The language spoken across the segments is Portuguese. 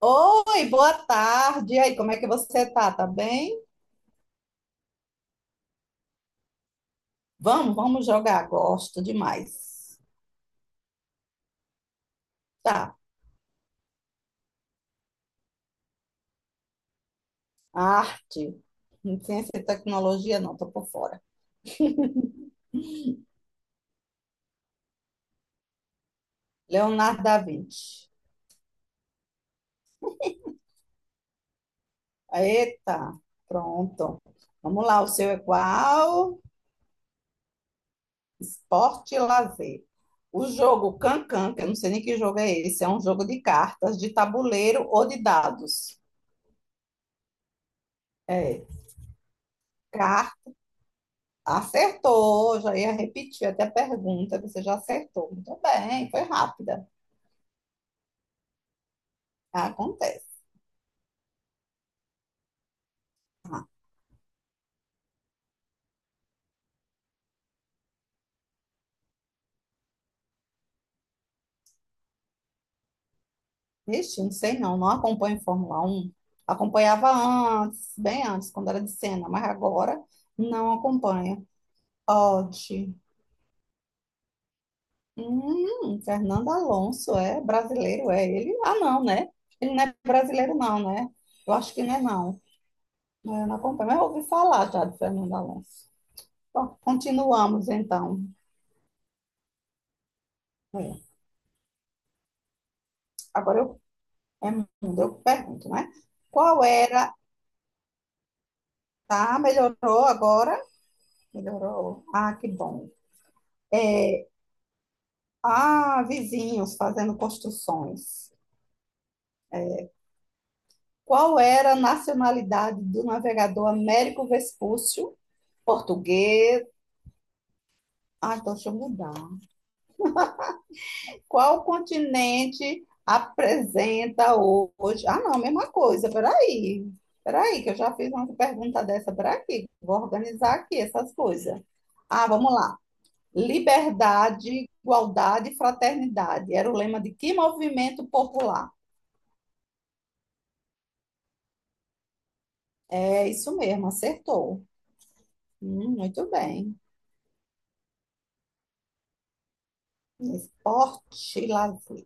Oi, boa tarde. E aí, como é que você tá? Tá bem? Vamos, vamos jogar. Gosto demais. Tá. Arte, ciência e tecnologia, não, tô por fora. Leonardo da Vinci. Eita, pronto. Vamos lá, o seu é qual? Esporte e lazer. O jogo Cancan, que eu não sei nem que jogo é esse, é um jogo de cartas, de tabuleiro ou de dados. É. Acertou, já ia repetir até a pergunta, você já acertou. Muito bem, foi rápida. Acontece. Ixi, não sei não, não acompanho Fórmula Um. Acompanhava antes, bem antes, quando era de cena, mas agora não acompanho. Odd. Fernando Alonso é brasileiro, é ele? Ah, não, né? Ele não é brasileiro, não, né? Eu acho que não é, não. Eu não acompanho, mas eu ouvi falar já de Fernando Alonso. Bom, continuamos então. É. Agora eu é mundo, eu pergunto, né? Qual era? Tá, melhorou agora? Melhorou. Ah, que bom. Ah, vizinhos fazendo construções. Qual era a nacionalidade do navegador Américo Vespúcio? Português. Ah, então deixa eu mudar. Qual continente apresenta hoje? Ah, não, mesma coisa. Peraí. Peraí, que eu já fiz uma pergunta dessa por aqui. Vou organizar aqui essas coisas. Ah, vamos lá. Liberdade, igualdade e fraternidade. Era o lema de que movimento popular? É isso mesmo, acertou. Muito bem. Esporte e lazer.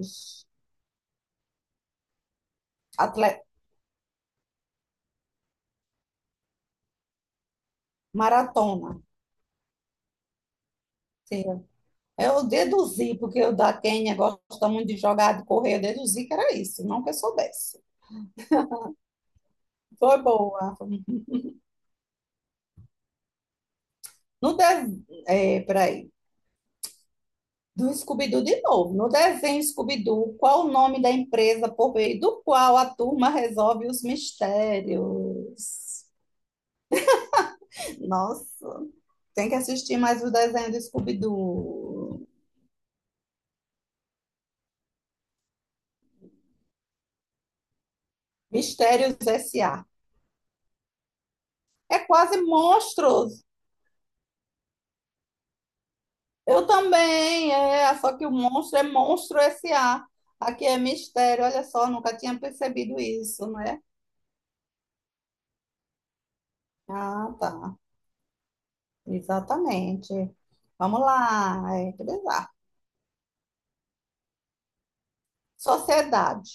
Ixi, atle- maratona. Sim. Eu deduzi, porque o da Quênia gosta muito de jogar, de correr, eu deduzi que era isso, não que eu soubesse. Foi boa. No de... É, peraí. Do Scooby-Doo de novo. No desenho Scooby-Doo, qual o nome da empresa por meio do qual a turma resolve os mistérios? Nossa, tem que assistir mais o desenho do Scooby-Doo. Mistérios S A. É quase monstros. Eu também, é. Só que o monstro é monstro S A. Aqui é mistério. Olha só, nunca tinha percebido isso, não é? Ah, tá. Exatamente. Vamos lá. É, que bizarro. Sociedade.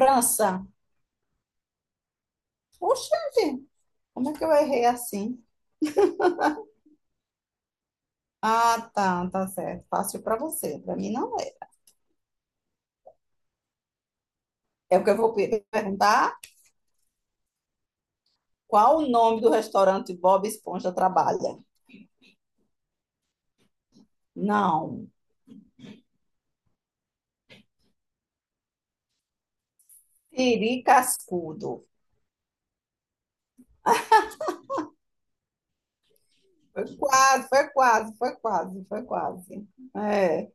França. Oxente, como é que eu errei assim? Ah, tá, tá certo. Fácil para você, para mim não é. É porque eu vou perguntar qual o nome do restaurante Bob Esponja trabalha. Não, Siri Cascudo. Foi quase, foi quase, foi quase, foi quase. É.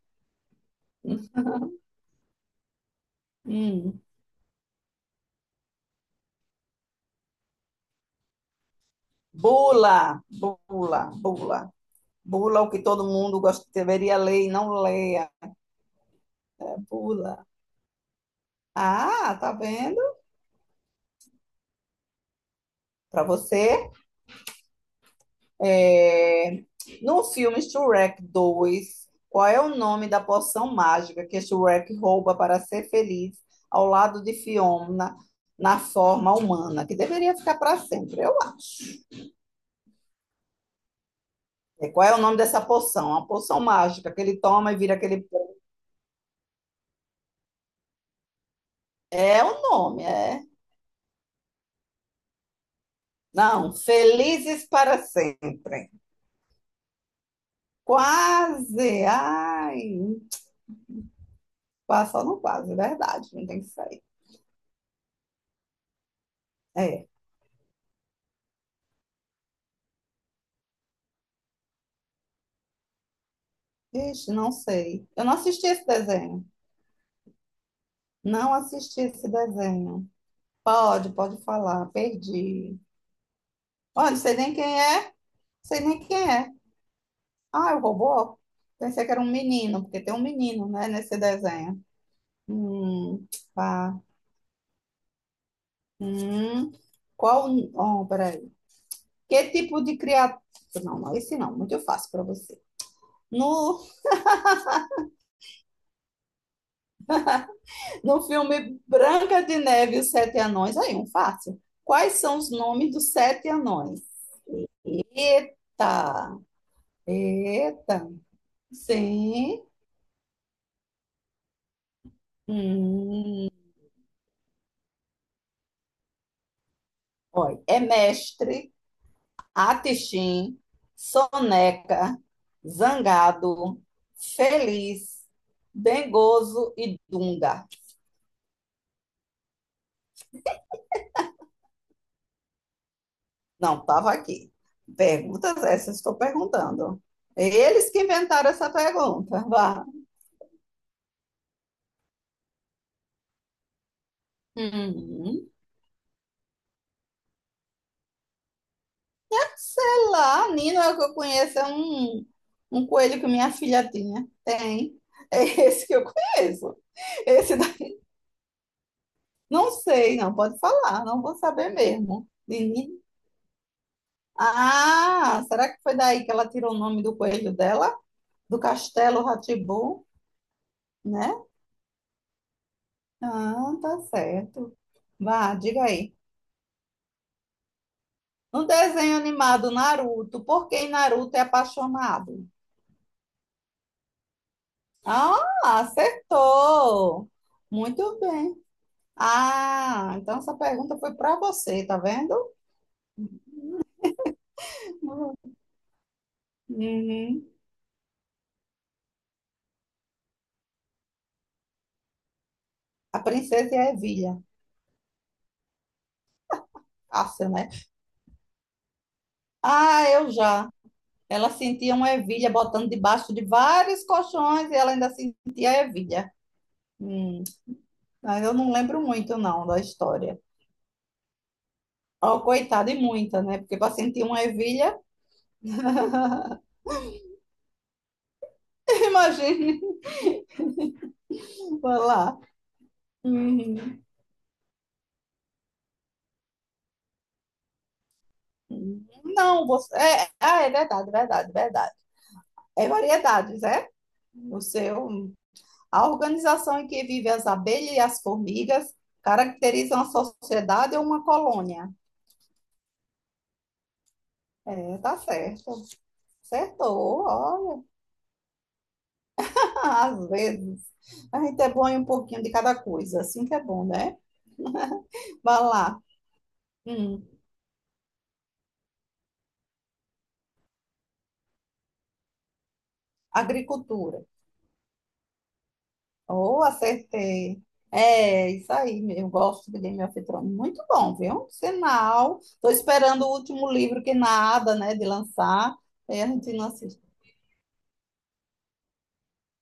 Hum. Bula, bula, bula. Bula o que todo mundo gosta, deveria ler e não leia. Bula. Ah, tá vendo? Para você é, no filme Shrek 2, qual é o nome da poção mágica que Shrek rouba para ser feliz ao lado de Fiona na forma humana, que deveria ficar para sempre? Eu acho. É, qual é o nome dessa poção? A poção mágica que ele toma e vira aquele. É o nome, é. Não, felizes para sempre. Quase. Ai, passou no quase, é verdade, não tem que sair. É. Ixi, não sei. Eu não assisti esse desenho. Não assisti esse desenho. Pode, pode falar. Perdi. Olha, não sei nem quem é. Não sei nem quem é. Ah, é o robô? Pensei que era um menino, porque tem um menino, né, nesse desenho. Hum, pá. Hum. Qual. Oh, peraí. Que tipo de criatura. Não, não, esse não. Muito fácil para você. No, no filme Branca de Neve e os Sete Anões, aí, um fácil. Quais são os nomes dos sete anões? Eita! Eita! Sim. Hum, olha, é Mestre, Atixim, Soneca, Zangado, Feliz, Dengoso e Dunga. Não, estava aqui. Perguntas essas estou perguntando. Eles que inventaram essa pergunta. Vá. Hum, sei lá, Nino é o que eu conheço, é um coelho que minha filha tinha. Tem. É esse que eu conheço. Esse Não sei, não pode falar, não vou saber mesmo. Menina. Ah, será que foi daí que ela tirou o nome do coelho dela? Do Castelo Rá, né? Ah, tá certo. Vá, diga aí. No desenho animado Naruto, por que Naruto é apaixonado? Ah, acertou. Muito bem. Ah, então essa pergunta foi para você, tá vendo? Uhum. A princesa e a ervilha. Fácil, né? Ah, eu já. Ela sentia uma ervilha botando debaixo de vários colchões e ela ainda sentia a ervilha. Hum, mas eu não lembro muito, não, da história. Oh, coitada, e muita, né? Porque para sentir uma ervilha, imagine, vai lá. Uhum. Não, você. É, ah, é verdade, verdade, verdade. É variedades, é? O seu, a organização em que vivem as abelhas e as formigas caracterizam a sociedade ou uma colônia. É, tá certo. Acertou, olha. Ah, às vezes. A gente é bom em um pouquinho de cada coisa, assim que é bom, né? Vai lá. Hum, agricultura. Oh, acertei. É, isso aí, eu gosto de Game of Thrones. Muito bom, viu? Sinal. Estou esperando o último livro que nada, né, de lançar. Aí a gente não assiste.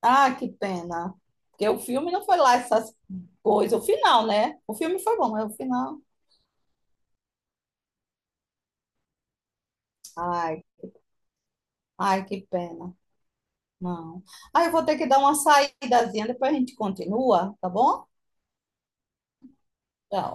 Ah, que pena. Porque o filme não foi lá essas coisas. O final, né? O filme foi bom, mas o final. Ai, ai, que pena. Não. Ah, eu vou ter que dar uma saídazinha, depois a gente continua, tá bom? Tchau.